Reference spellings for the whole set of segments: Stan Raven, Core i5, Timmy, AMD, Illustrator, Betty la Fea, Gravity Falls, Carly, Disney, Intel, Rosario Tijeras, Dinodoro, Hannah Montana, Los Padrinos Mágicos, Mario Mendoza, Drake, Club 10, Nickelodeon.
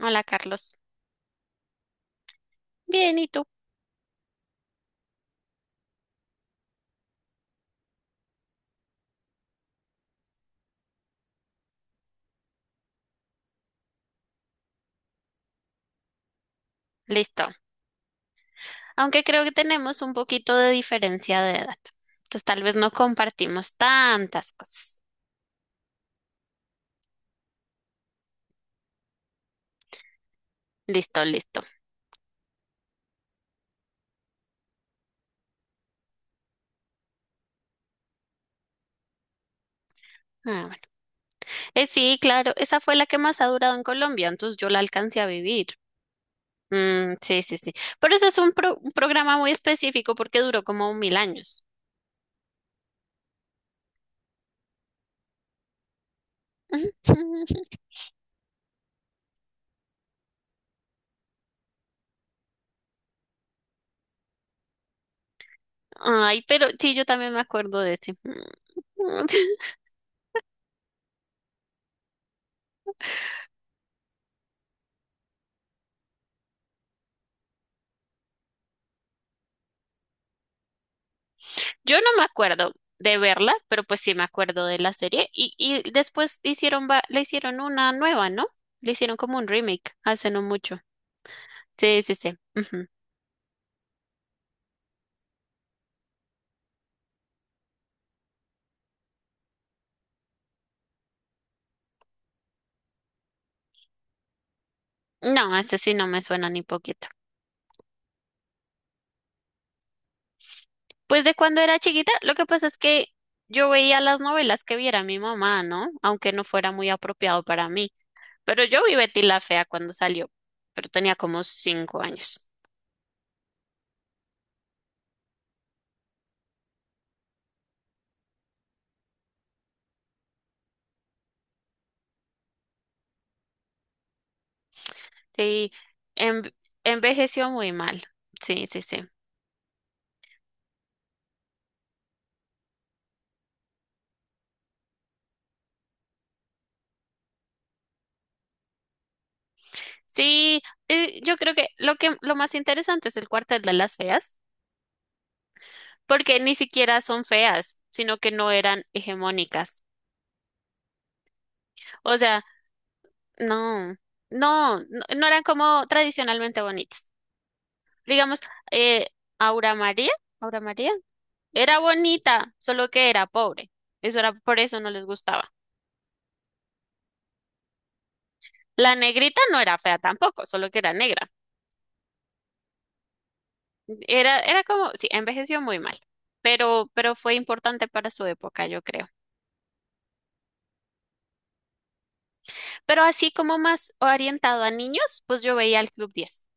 Hola Carlos. Bien, ¿y tú? Listo. Aunque creo que tenemos un poquito de diferencia de edad. Entonces tal vez no compartimos tantas cosas. Listo, listo. Ah, bueno. Sí, claro, esa fue la que más ha durado en Colombia, entonces yo la alcancé a vivir. Mm, sí, sí, sí. Pero ese es un programa muy específico porque duró como mil años. Ay, pero sí, yo también me acuerdo de ese. Yo no me acuerdo de verla, pero pues sí me acuerdo de la serie. Y después le hicieron una nueva, ¿no? Le hicieron como un remake hace no mucho. Sí, sí, sí. Ujú. No, este sí no me suena ni poquito. Pues de cuando era chiquita, lo que pasa es que yo veía las novelas que viera mi mamá, ¿no? Aunque no fuera muy apropiado para mí. Pero yo vi Betty la Fea cuando salió, pero tenía como 5 años. Sí, en- envejeció muy mal. Sí, sí, sí. Sí, yo creo que lo más interesante es el cuartel de las feas, porque ni siquiera son feas, sino que no eran hegemónicas. O sea, no, no, no, no eran como tradicionalmente bonitas. Digamos, eh, Aura María, Aura María, era bonita, solo que era pobre. Eso era, por eso no les gustaba. La negrita no era fea tampoco, solo que era negra. Era como, sí, envejeció muy mal, pero fue importante para su época, yo creo. Pero así como más orientado a niños, pues yo veía el Club 10.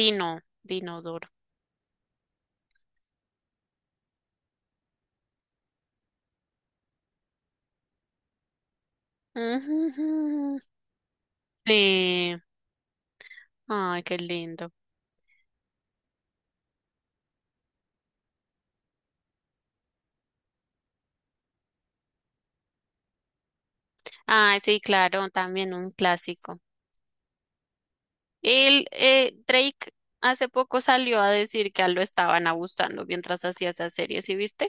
Dinodoro. Ujujujú. Sí. Ay, qué lindo. Ay, sí, claro, también un clásico. El Drake hace poco salió a decir que a él lo estaban abusando mientras hacía esa serie, ¿sí viste?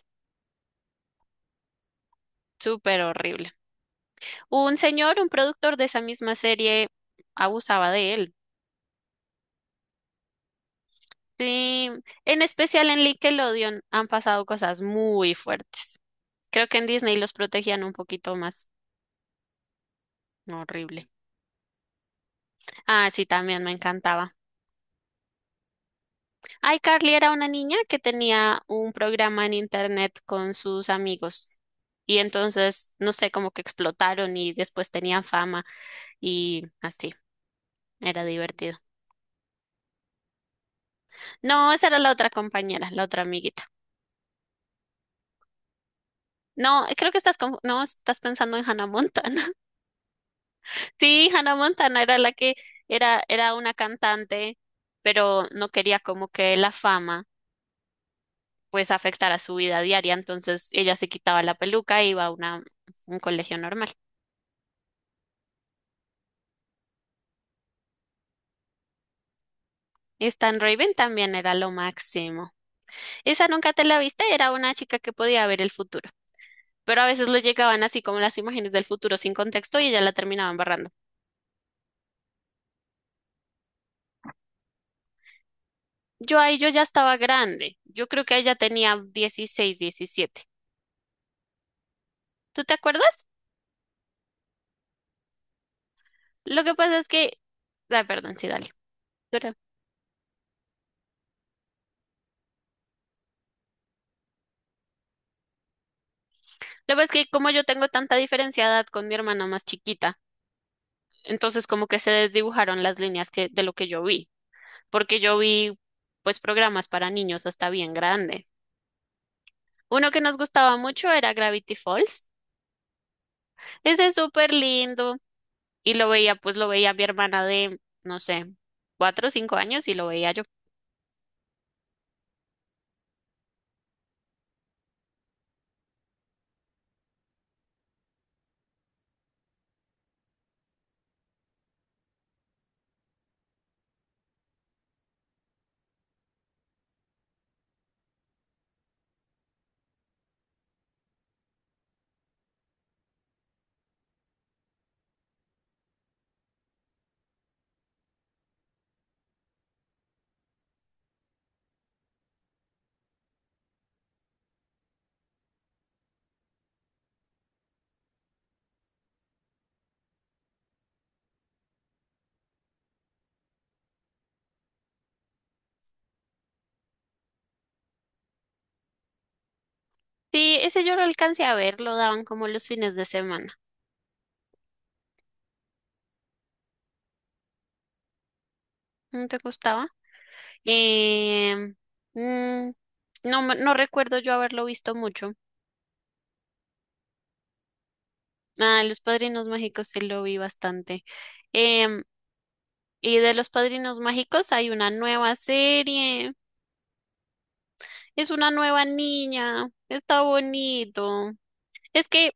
Súper horrible. Un señor, un productor de esa misma serie, abusaba de él. Sí, en especial en Nickelodeon han pasado cosas muy fuertes. Creo que en Disney los protegían un poquito más. No, horrible. Ah, sí, también me encantaba. Ay, Carly era una niña que tenía un programa en internet con sus amigos. Y entonces, no sé, como que explotaron y después tenían fama y así. Era divertido. No, esa era la otra compañera, la otra amiguita. No, creo que estás no, estás pensando en Hannah Montana. Sí, Hannah Montana era la que era una cantante, pero no quería como que la fama pues afectara su vida diaria. Entonces ella se quitaba la peluca e iba a un colegio normal. Stan Raven también era lo máximo. Esa nunca te la viste, era una chica que podía ver el futuro. Pero a veces le llegaban así como las imágenes del futuro sin contexto y ella la terminaba embarrando. Yo ahí yo ya estaba grande. Yo creo que ella tenía 16, 17. ¿Tú te acuerdas? Lo que pasa es que. Ah, perdón, sí, dale. Dura. Lo que pasa es que como yo tengo tanta diferencia de edad con mi hermana más chiquita. Entonces como que se desdibujaron las líneas de lo que yo vi, porque yo vi pues programas para niños hasta bien grande. Uno que nos gustaba mucho era Gravity Falls. Ese es súper lindo y pues lo veía mi hermana de, no sé, 4 o 5 años y lo veía yo. Sí, ese yo lo alcancé a ver, lo daban como los fines de semana. ¿No te gustaba? Em, mm, no, no recuerdo yo haberlo visto mucho. Ah, Los Padrinos Mágicos sí lo vi bastante. Em, Y de Los Padrinos Mágicos hay una nueva serie. Es una nueva niña. Está bonito. Es que,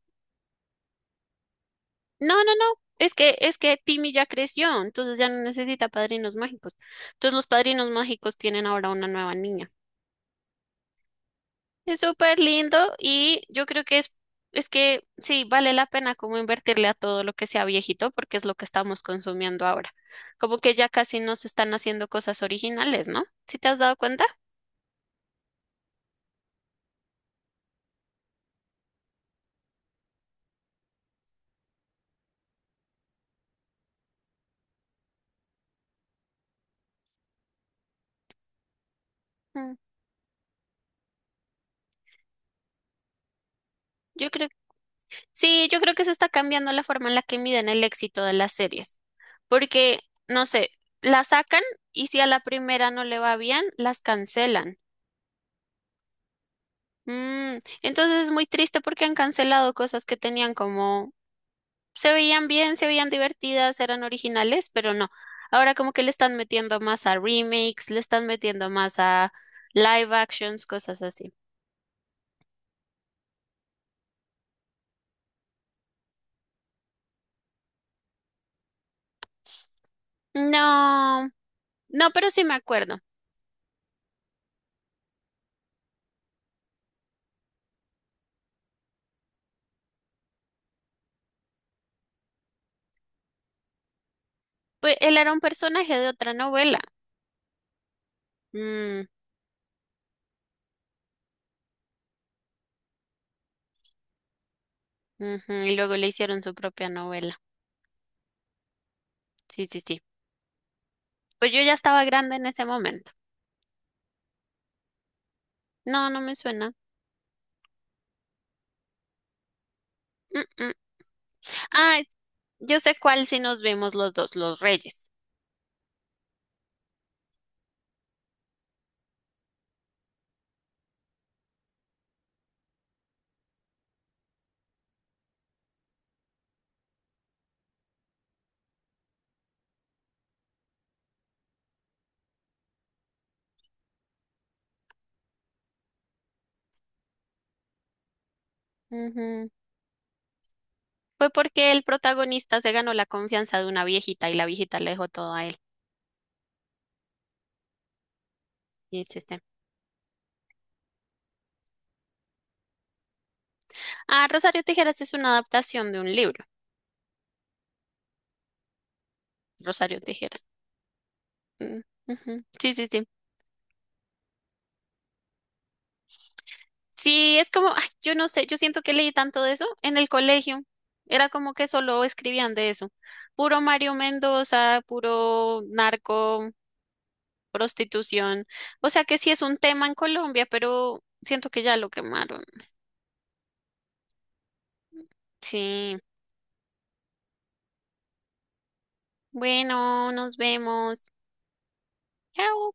no, no, no. Es que Timmy ya creció, entonces ya no necesita padrinos mágicos. Entonces los padrinos mágicos tienen ahora una nueva niña. Es súper lindo y yo creo que es que sí, vale la pena como invertirle a todo lo que sea viejito porque es lo que estamos consumiendo ahora. Como que ya casi no se están haciendo cosas originales, ¿no? ¿Si te has dado cuenta? Mm. Yo creo Sí, yo creo que se está cambiando la forma en la que miden el éxito de las series, porque, no sé, la sacan y si a la primera no le va bien, las cancelan. Mm, entonces es muy triste porque han cancelado cosas que tenían como, se veían bien, se veían divertidas, eran originales, pero no. Ahora como que le están metiendo más a remakes, le están metiendo más a live actions, cosas así. No, no, pero sí me acuerdo. Pues él era un personaje de otra novela. Mm. Ujú. Y luego le hicieron su propia novela. Sí, sí, sí. Pues yo ya estaba grande en ese momento. No, no me suena. Mm, mm. Ah, yo sé cuál si nos vimos los dos, los Reyes. Ujú. Fue porque el protagonista se ganó la confianza de una viejita y la viejita le dejó todo a él. Y es este. Ah, Rosario Tijeras es una adaptación de un libro. Rosario Tijeras. Mm, ujú. Sí, sí, sí. Sí, es como, ay, yo no sé, yo siento que leí tanto de eso en el colegio. Era como que solo escribían de eso. Puro Mario Mendoza, puro narco, prostitución. O sea que sí es un tema en Colombia, pero siento que ya lo quemaron. Sí. Bueno, nos vemos. Chao.